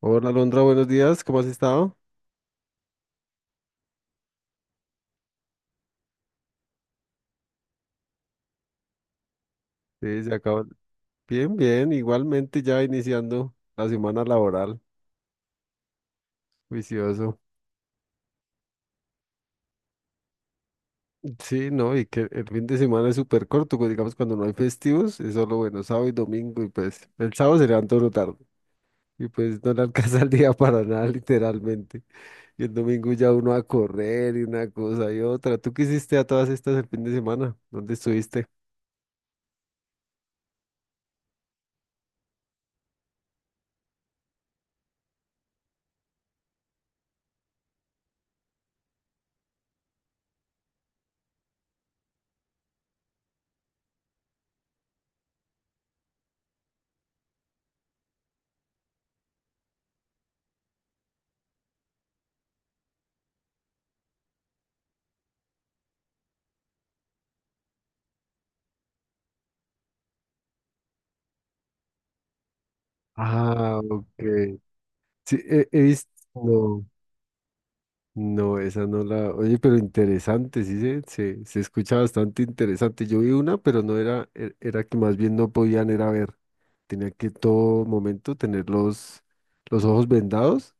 Hola Alondra, buenos días, ¿cómo has estado? Sí, se acabó. Bien, bien, igualmente ya iniciando la semana laboral, vicioso. Sí, no, y que el fin de semana es súper corto, pues, digamos cuando no hay festivos, es solo bueno, sábado y domingo, y pues el sábado se levanta uno tarde, y pues no le alcanza el día para nada, literalmente. Y el domingo ya uno a correr y una cosa y otra. ¿Tú qué hiciste a todas estas el fin de semana? ¿Dónde estuviste? Ah, ok. Sí, he visto. No, esa no la. Oye, pero interesante, sí se escucha bastante interesante. Yo vi una, pero no era, era que más bien no podían era ver. Tenía que todo momento tener los ojos vendados,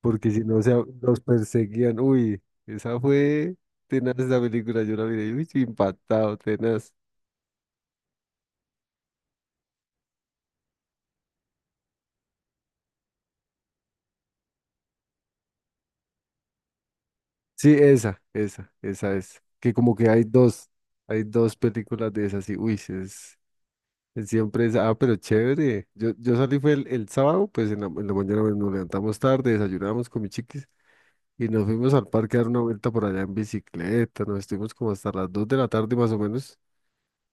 porque si no los perseguían. Uy, esa fue tenaz esa película, yo la miré, uy, sí, impactado, tenaz. Sí, esa es. Que como que hay dos películas de esas, y uy, sí es. Siempre es, ah, pero chévere. Yo salí fue el sábado, pues en la, mañana bueno, nos levantamos tarde, desayunamos con mis chiquis y nos fuimos al parque a dar una vuelta por allá en bicicleta. Nos estuvimos como hasta las 2 de la tarde más o menos.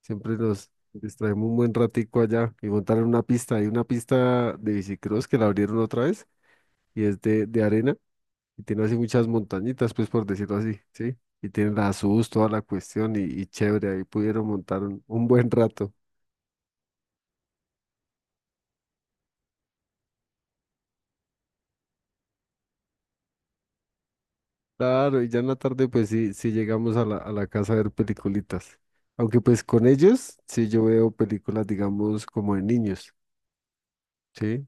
Siempre nos distraemos un buen ratico allá y montaron una pista. Hay una pista de bicicross que la abrieron otra vez y es de arena y tiene así muchas montañitas, pues por decirlo así, ¿sí? Y tiene la SUS, toda la cuestión y chévere. Ahí pudieron montar un buen rato. Claro, y ya en la tarde pues sí, llegamos a la, casa a ver peliculitas. Aunque pues con ellos sí yo veo películas, digamos, como de niños, ¿sí?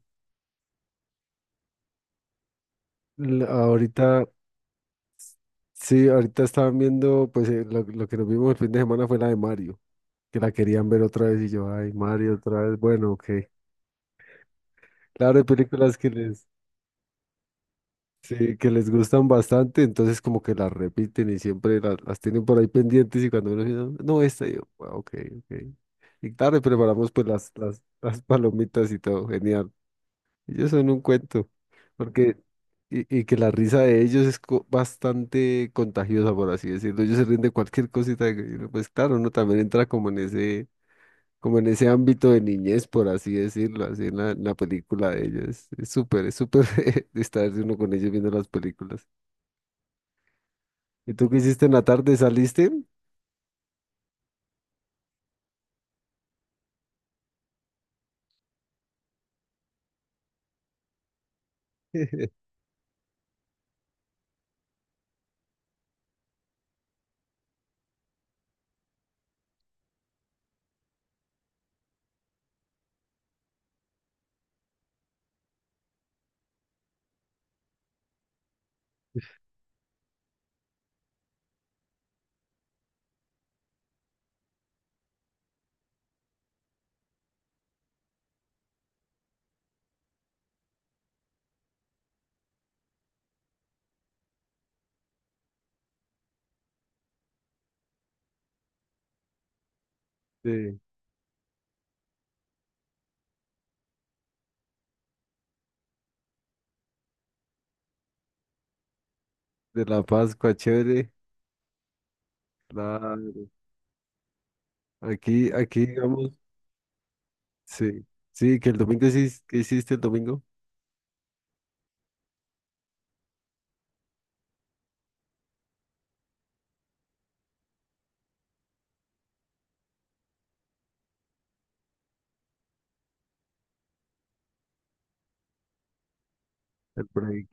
Ahorita, sí, ahorita estaban viendo, pues lo que nos vimos el fin de semana fue la de Mario, que la querían ver otra vez y yo, ay, Mario otra vez, bueno, ok. Claro, hay películas que les... Sí, que les gustan bastante, entonces como que las repiten y siempre las, tienen por ahí pendientes y cuando uno dice, no, no, esta, y yo, "Ah, ok, ok. Y claro, y preparamos pues las palomitas y todo, genial. Ellos son un cuento, porque, y que la risa de ellos es bastante contagiosa, por así decirlo. Ellos se ríen de cualquier cosita, que uno, pues claro, uno también entra como en ese, ámbito de niñez, por así decirlo, así en la película de ellos. Es súper distraerse uno con ellos viendo las películas. ¿Y tú qué hiciste en la tarde? ¿Saliste? De, de la Pascua, chévere. Claro. Digamos, sí. Sí, que el domingo, sí, ¿qué hiciste el domingo? El break.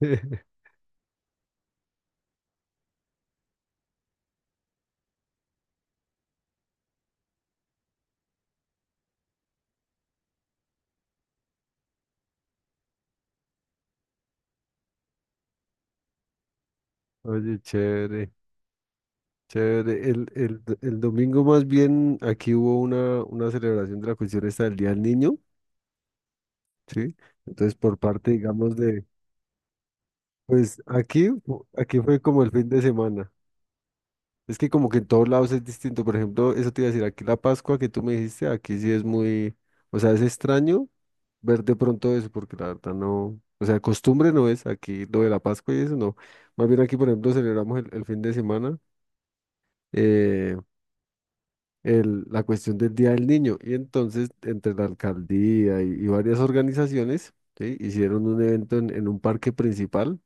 Oye, chévere, chévere. El domingo más bien aquí hubo una celebración de la cuestión esta del Día del Niño, ¿sí? Entonces por parte, digamos, de, pues aquí, aquí fue como el fin de semana. Es que como que en todos lados es distinto. Por ejemplo, eso te iba a decir, aquí la Pascua que tú me dijiste, aquí sí es muy, o sea, es extraño ver de pronto eso, porque la verdad no, o sea, costumbre no es aquí lo de la Pascua y eso no. Más bien aquí, por ejemplo, celebramos el fin de semana. eh, la cuestión del Día del Niño. Y entonces, entre la alcaldía y varias organizaciones, ¿sí? Hicieron un evento en, un parque principal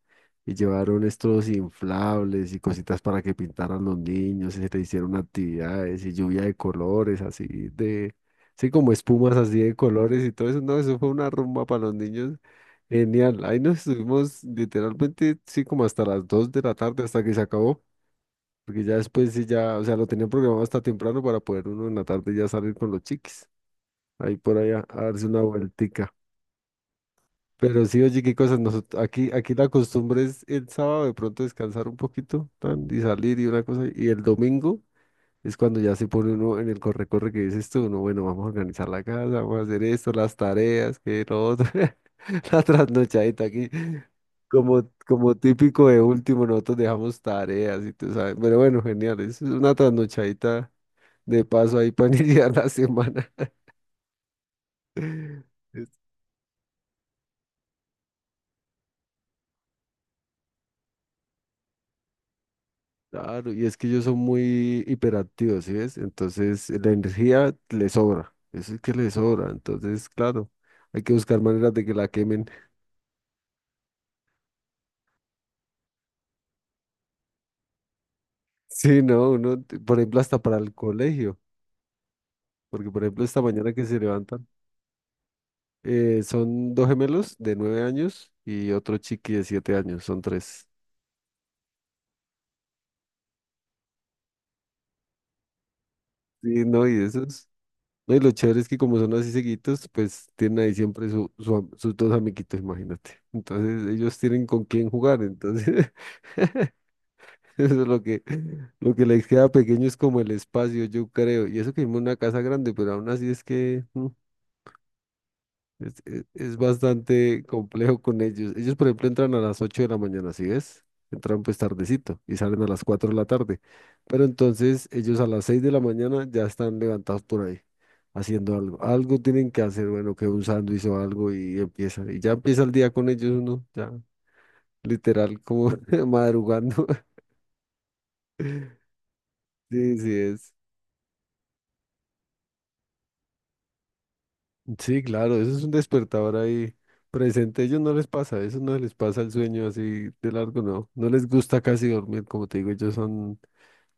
y llevaron estos inflables y cositas para que pintaran los niños y se le hicieron actividades y lluvia de colores, así de, sí, como espumas así de colores y todo eso. No, eso fue una rumba para los niños. Genial, ahí nos estuvimos literalmente, sí, como hasta las 2 de la tarde, hasta que se acabó. Porque ya después sí ya, o sea, lo tenían programado hasta temprano para poder uno en la tarde ya salir con los chiquis. Ahí por allá a darse una vueltica. Pero sí, oye, qué cosas. Nosotros, aquí la costumbre es el sábado de pronto descansar un poquito tan, y salir y una cosa. Y el domingo. Es cuando ya se pone uno en el corre-corre que dices tú, no, bueno, vamos a organizar la casa, vamos a hacer esto, las tareas, que lo otro, la trasnochadita aquí. Como típico de último, nosotros dejamos tareas y tú sabes. Pero bueno, genial, es una trasnochadita de paso ahí para iniciar la semana. Es- Claro, y es que ellos son muy hiperactivos, ¿sí ves? Entonces la energía les sobra, eso es que les sobra. Entonces, claro, hay que buscar maneras de que la quemen. Sí, no, uno, por ejemplo, hasta para el colegio, porque por ejemplo, esta mañana que se levantan, son dos gemelos de 9 años y otro chiqui de 7 años, son tres. Sí, no, y esos, no, y lo chévere es que como son así seguitos, pues tienen ahí siempre sus dos amiguitos, imagínate. Entonces, ellos tienen con quién jugar, entonces, eso es lo que les queda pequeño es como el espacio, yo creo. Y eso que vimos una casa grande, pero aún así es que. Es bastante complejo con ellos. Ellos, por ejemplo, entran a las 8 de la mañana, ¿sí ves? Entran pues tardecito y salen a las 4 de la tarde. Pero entonces ellos a las 6 de la mañana ya están levantados por ahí, haciendo algo. Algo tienen que hacer, bueno, que un sándwich o algo y empieza. Y ya empieza el día con ellos uno, ya literal como madrugando. Sí, sí es. Sí, claro, eso es un despertador ahí presente. A ellos no les pasa, eso no les pasa el sueño así de largo, no. No les gusta casi dormir, como te digo, ellos son,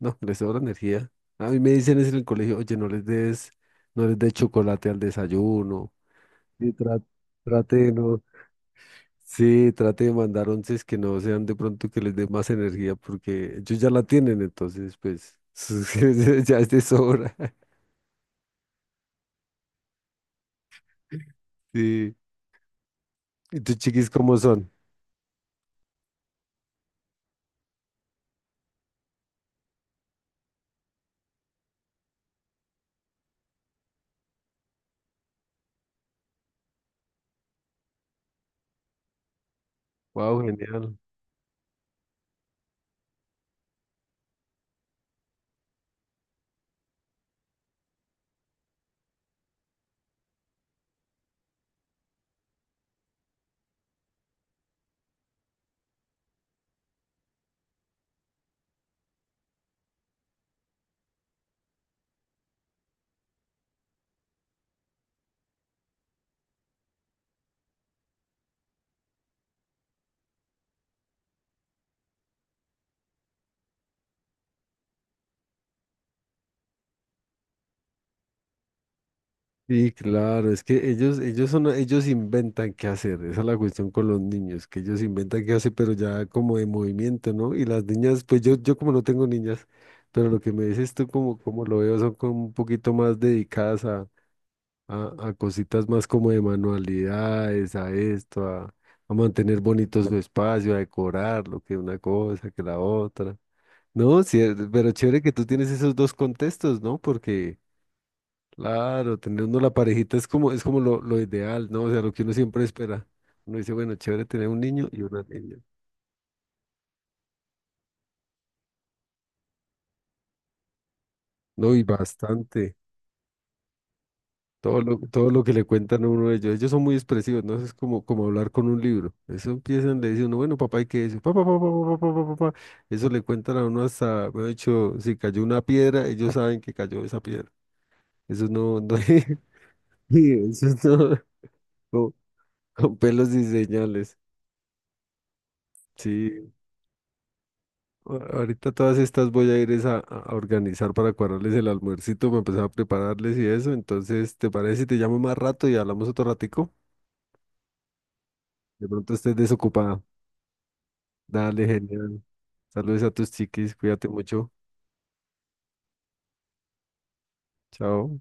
no, les sobra energía. A mí me dicen es en el colegio, oye, no les des, no les des chocolate al desayuno. Y trate de no, sí, trate de mandar onces que no sean de pronto que les dé más energía, porque ellos ya la tienen, entonces, pues, ya es de sobra. Sí. ¿Y tus chiquis cómo son? Wow, genial. Sí, claro, es que ellos inventan qué hacer, esa es la cuestión con los niños, que ellos inventan qué hacer, pero ya como de movimiento, ¿no? Y las niñas, pues yo, como no tengo niñas, pero lo que me dices tú como, lo veo son como un poquito más dedicadas a cositas más como de manualidades, a esto, a mantener bonito su espacio, a decorar lo que una cosa, que la otra. No, sí, pero chévere que tú tienes esos dos contextos, ¿no? Porque claro, tener uno la parejita es como lo ideal, ¿no? O sea, lo que uno siempre espera. Uno dice, bueno, chévere tener un niño y una niña. No, y bastante. Todo lo que le cuentan a uno de ellos. Ellos son muy expresivos, ¿no? Eso es como hablar con un libro. Eso empiezan, le dicen uno, bueno, papá, ¿y qué es eso? Papá, papá, papá, papá, papá, papá. Eso le cuentan a uno hasta, de hecho, si cayó una piedra, ellos saben que cayó esa piedra. Eso no, no, eso no, con con pelos y señales. Sí, ahorita todas estas voy a ir es a, organizar para cuadrarles el almuercito, para empezar a prepararles y eso. Entonces, ¿te parece si te llamo más rato y hablamos otro ratico? De pronto estés desocupada. Dale, genial. Saludos a tus chiquis, cuídate mucho. Chao.